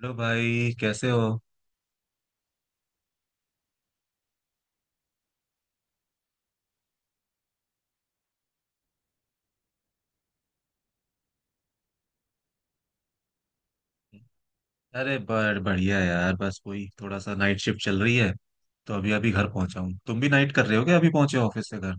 Hello भाई, कैसे हो? अरे बड़ बढ़िया यार। बस वही थोड़ा सा नाइट शिफ्ट चल रही है। तो अभी अभी घर पहुंचा हूँ। तुम भी नाइट कर रहे हो क्या? अभी पहुंचे हो ऑफिस से घर?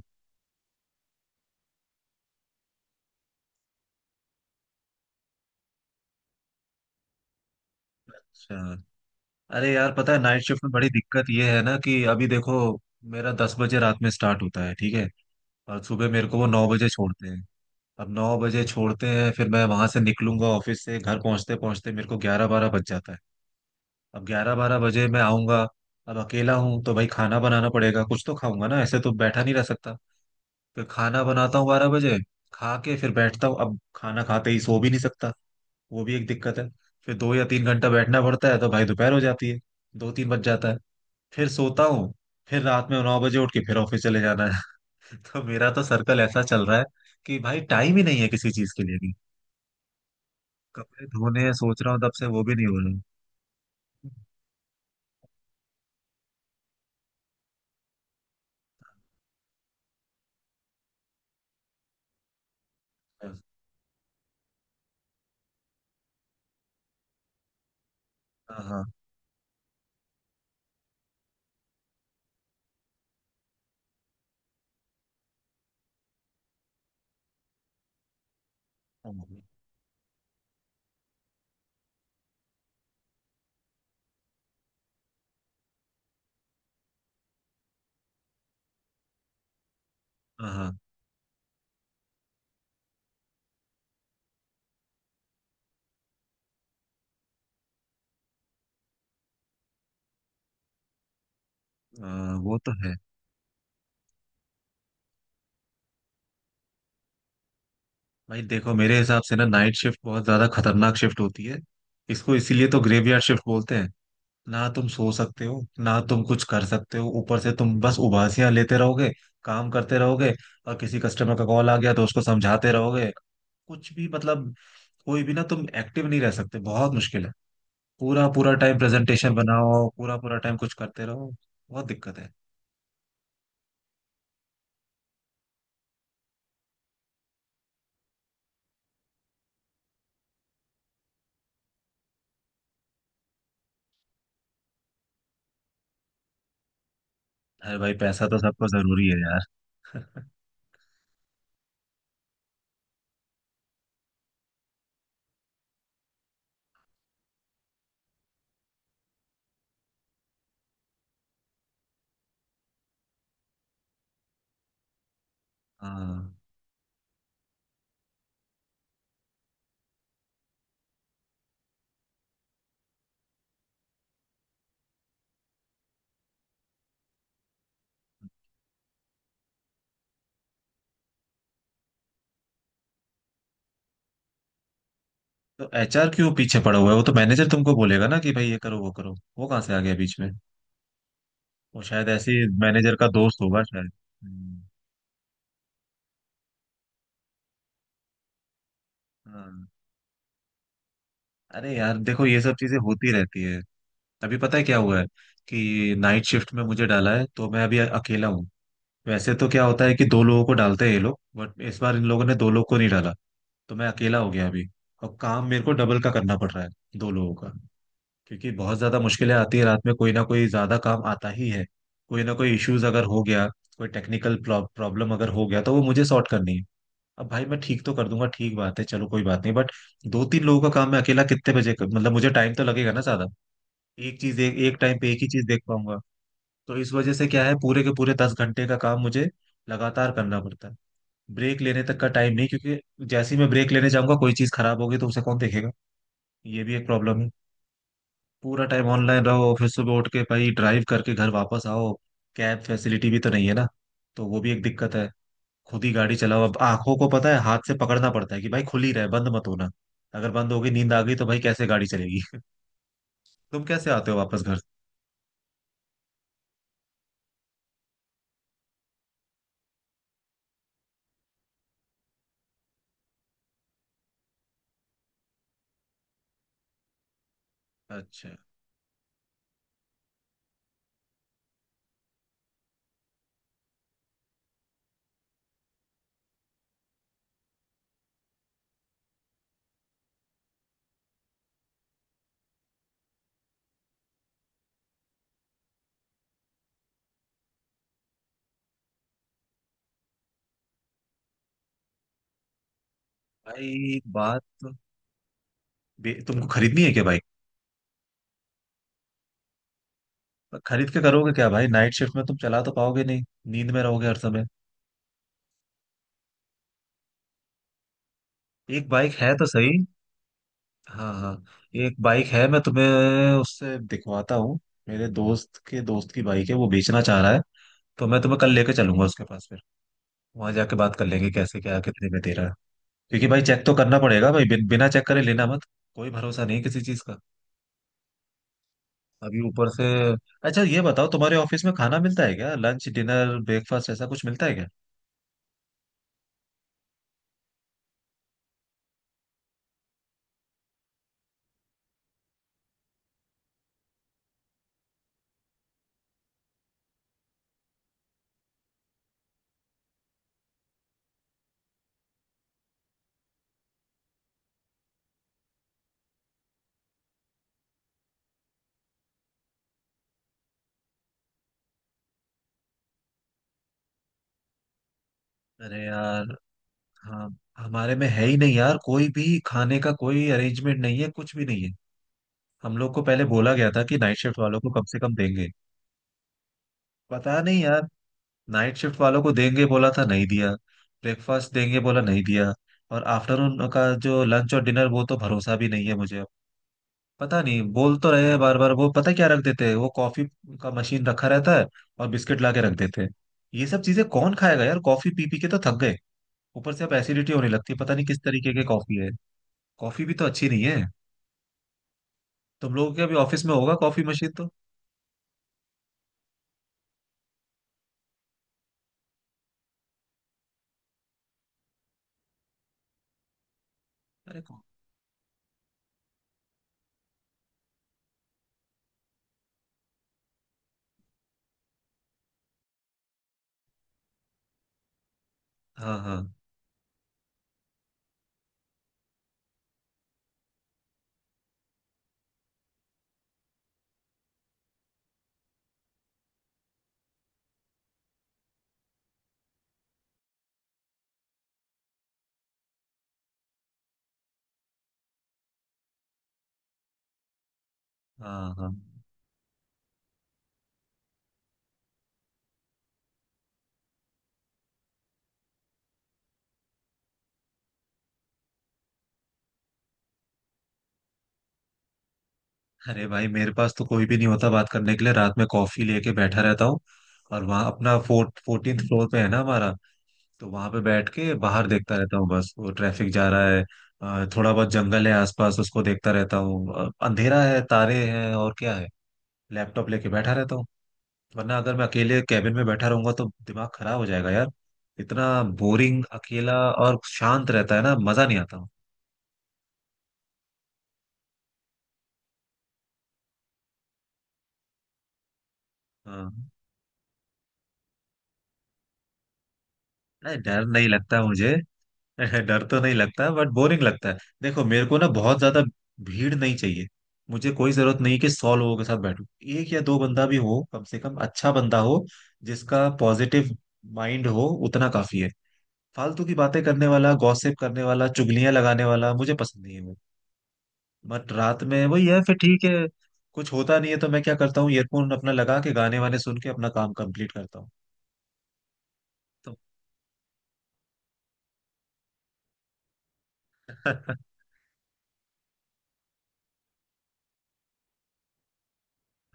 अच्छा। अरे यार, पता है नाइट शिफ्ट में बड़ी दिक्कत ये है ना? कि अभी देखो, मेरा 10 बजे रात में स्टार्ट होता है, ठीक है। और सुबह मेरे को वो 9 बजे छोड़ते हैं। अब 9 बजे छोड़ते हैं, फिर मैं वहां से निकलूंगा ऑफिस से। घर पहुंचते पहुंचते मेरे को 11-12 बज जाता है। अब 11-12 बजे मैं आऊंगा। अब अकेला हूँ तो भाई खाना बनाना पड़ेगा, कुछ तो खाऊंगा ना, ऐसे तो बैठा नहीं रह सकता। फिर खाना बनाता हूँ 12 बजे। खा के फिर बैठता हूँ। अब खाना खाते ही सो भी नहीं सकता, वो भी एक दिक्कत है। फिर 2 या 3 घंटा बैठना पड़ता है तो भाई दोपहर हो जाती है। 2-3 बज जाता है, फिर सोता हूँ। फिर रात में 9 बजे उठ के फिर ऑफिस चले जाना है। तो मेरा तो सर्कल ऐसा चल रहा है कि भाई टाइम ही नहीं है किसी चीज के लिए भी। कपड़े धोने हैं, सोच रहा हूँ तब से वो भी नहीं हो रहा है। हाँ हाँ। हाँ हाँ। हाँ, वो तो है। भाई देखो, मेरे हिसाब से ना, नाइट शिफ्ट बहुत ज्यादा खतरनाक शिफ्ट होती है। इसको इसीलिए तो ग्रेवयार्ड शिफ्ट बोलते हैं। ना तुम सो सकते हो, ना तुम कुछ कर सकते हो। ऊपर से तुम बस उबासियां लेते रहोगे, काम करते रहोगे, और किसी कस्टमर का कॉल आ गया तो उसको समझाते रहोगे। कुछ भी मतलब, कोई भी, ना तुम एक्टिव नहीं रह सकते, बहुत मुश्किल है। पूरा पूरा टाइम प्रेजेंटेशन बनाओ, पूरा पूरा टाइम कुछ करते रहो। बहुत दिक्कत है। अरे भाई, पैसा तो सबको जरूरी है यार। हाँ। तो एचआर क्यों पीछे पड़ा हुआ है? वो तो मैनेजर तुमको बोलेगा ना कि भाई ये करो वो करो। वो कहाँ से आ गया बीच में? वो शायद ऐसे मैनेजर का दोस्त होगा शायद। हम्म, हाँ। अरे यार देखो, ये सब चीजें होती रहती है। अभी पता है क्या हुआ है? कि नाइट शिफ्ट में मुझे डाला है, तो मैं अभी अकेला हूँ। वैसे तो क्या होता है कि दो लोगों को डालते हैं ये लोग, बट इस बार इन लोगों ने दो लोग को नहीं डाला। तो मैं अकेला हो गया अभी, और काम मेरे को डबल का करना पड़ रहा है, दो लोगों का। क्योंकि बहुत ज्यादा मुश्किलें आती है रात में, कोई ना कोई ज्यादा काम आता ही है। कोई ना कोई इश्यूज अगर हो गया, कोई टेक्निकल प्रॉब्लम अगर हो गया, तो वो मुझे सॉर्ट करनी है। अब भाई मैं ठीक तो कर दूंगा, ठीक बात है, चलो कोई बात नहीं, बट दो तीन लोगों का काम मैं अकेला कितने बजे कर? मतलब मुझे टाइम तो लगेगा ना ज्यादा। एक चीज, एक एक टाइम पे एक ही चीज देख पाऊंगा। तो इस वजह से क्या है, पूरे के पूरे 10 घंटे का काम मुझे लगातार करना पड़ता है। ब्रेक लेने तक का टाइम नहीं, क्योंकि जैसे ही मैं ब्रेक लेने जाऊंगा, कोई चीज खराब होगी तो उसे कौन देखेगा? ये भी एक प्रॉब्लम है। पूरा टाइम ऑनलाइन रहो, फिर सुबह उठ के भाई ड्राइव करके घर वापस आओ। कैब फैसिलिटी भी तो नहीं है ना, तो वो भी एक दिक्कत है। खुद ही गाड़ी चलाओ। अब आंखों को पता है, हाथ से पकड़ना पड़ता है कि भाई खुली रहे, बंद मत होना। अगर बंद हो गई, नींद आ गई, तो भाई कैसे गाड़ी चलेगी? तुम कैसे आते हो वापस घर? अच्छा। भाई बात तो, तुमको खरीदनी है क्या बाइक? खरीद के करोगे क्या भाई? नाइट शिफ्ट में तुम चला तो पाओगे नहीं, नींद में रहोगे हर समय। एक बाइक है तो सही। हाँ हाँ। एक बाइक है, मैं तुम्हें उससे दिखवाता हूँ। मेरे दोस्त के दोस्त की बाइक है, वो बेचना चाह रहा है। तो मैं तुम्हें कल लेके चलूंगा उसके पास। फिर वहां जाके बात कर लेंगे, कैसे क्या कितने में दे रहा है। क्योंकि भाई चेक तो करना पड़ेगा भाई, बिना चेक करे लेना मत। कोई भरोसा नहीं किसी चीज का। अभी ऊपर से अच्छा, ये बताओ, तुम्हारे ऑफिस में खाना मिलता है क्या? लंच, डिनर, ब्रेकफास्ट ऐसा कुछ मिलता है क्या? अरे यार। हाँ, हमारे में है ही नहीं यार, कोई भी खाने का कोई अरेंजमेंट नहीं है, कुछ भी नहीं है। हम लोग को पहले बोला गया था कि नाइट शिफ्ट वालों को कम से कम देंगे। पता नहीं यार। नाइट शिफ्ट वालों को देंगे बोला था, नहीं दिया। ब्रेकफास्ट देंगे बोला, नहीं दिया। और आफ्टरनून का जो लंच और डिनर, वो तो भरोसा भी नहीं है मुझे। पता नहीं, बोल तो रहे हैं बार बार। वो पता क्या रख देते हैं? वो कॉफी का मशीन रखा रहता है, और बिस्किट ला के रख देते हैं। ये सब चीजें कौन खाएगा यार? कॉफी पी पी के तो थक गए। ऊपर से अब एसिडिटी होने लगती है, पता नहीं किस तरीके की कॉफी है। कॉफी भी तो अच्छी नहीं है। तुम लोगों के अभी ऑफिस में होगा कॉफी मशीन तो? अरे हाँ हाँ। हाँ हाँ। अरे भाई, मेरे पास तो कोई भी नहीं होता बात करने के लिए, रात में कॉफी लेके बैठा रहता हूँ। और वहां अपना फोर्ट 14 फ्लोर पे है ना हमारा? तो वहां पे बैठ के बाहर देखता रहता हूँ, बस वो ट्रैफिक जा रहा है। थोड़ा बहुत जंगल है आसपास, उसको देखता रहता हूँ। अंधेरा है, तारे हैं, और क्या है। लैपटॉप लेके बैठा रहता हूँ। वरना अगर मैं अकेले कैबिन में बैठा रहूंगा तो दिमाग खराब हो जाएगा यार। इतना बोरिंग, अकेला और शांत रहता है ना, मजा नहीं आता। हाँ। नहीं, डर नहीं लगता मुझे। डर तो नहीं लगता, बट बोरिंग लगता है। देखो मेरे को ना, बहुत ज्यादा भीड़ नहीं चाहिए। मुझे कोई जरूरत नहीं कि 100 लोगों के साथ बैठूं। एक या दो बंदा भी हो कम से कम, अच्छा बंदा हो, जिसका पॉजिटिव माइंड हो, उतना काफी है। फालतू की बातें करने वाला, गॉसिप करने वाला, चुगलियां लगाने वाला मुझे पसंद नहीं है वो। बट रात में वही है फिर, ठीक है। कुछ होता नहीं है तो मैं क्या करता हूँ, ईयरफोन अपना लगा के गाने वाने सुन के अपना काम कंप्लीट करता हूँ। तो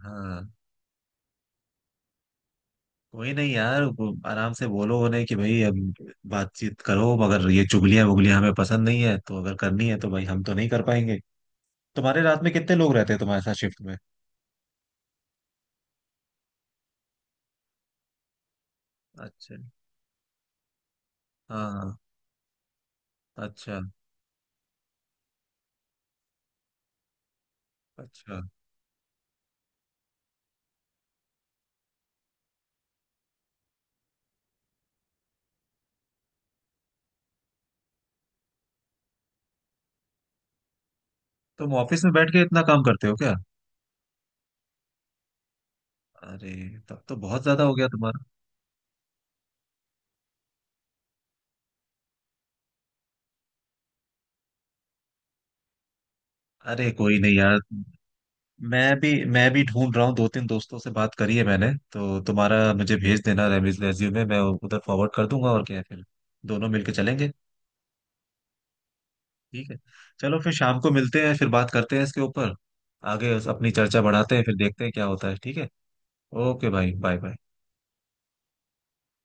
हाँ। कोई नहीं यार, वो आराम से बोलो उन्हें कि भाई अब बातचीत करो, मगर ये चुगलियां वुगलियां हमें पसंद नहीं है। तो अगर करनी है तो भाई हम तो नहीं कर पाएंगे। तुम्हारे रात में कितने लोग रहते हैं तुम्हारे साथ शिफ्ट में? अच्छा। हाँ हाँ। अच्छा। अच्छा। तुम ऑफिस में बैठ के इतना काम करते हो क्या? अरे तब तो बहुत ज्यादा हो गया तुम्हारा। अरे कोई नहीं यार, मैं भी ढूंढ रहा हूँ। 2-3 दोस्तों से बात करी है मैंने, तो तुम्हारा मुझे भेज देना रेज्यूमे, मैं उधर फॉरवर्ड कर दूंगा और क्या है फिर। दोनों मिलके चलेंगे। ठीक है। चलो फिर शाम को मिलते हैं, फिर बात करते हैं इसके ऊपर। आगे अपनी चर्चा बढ़ाते हैं, फिर देखते हैं क्या होता है, ठीक है। ओके भाई, बाय बाय।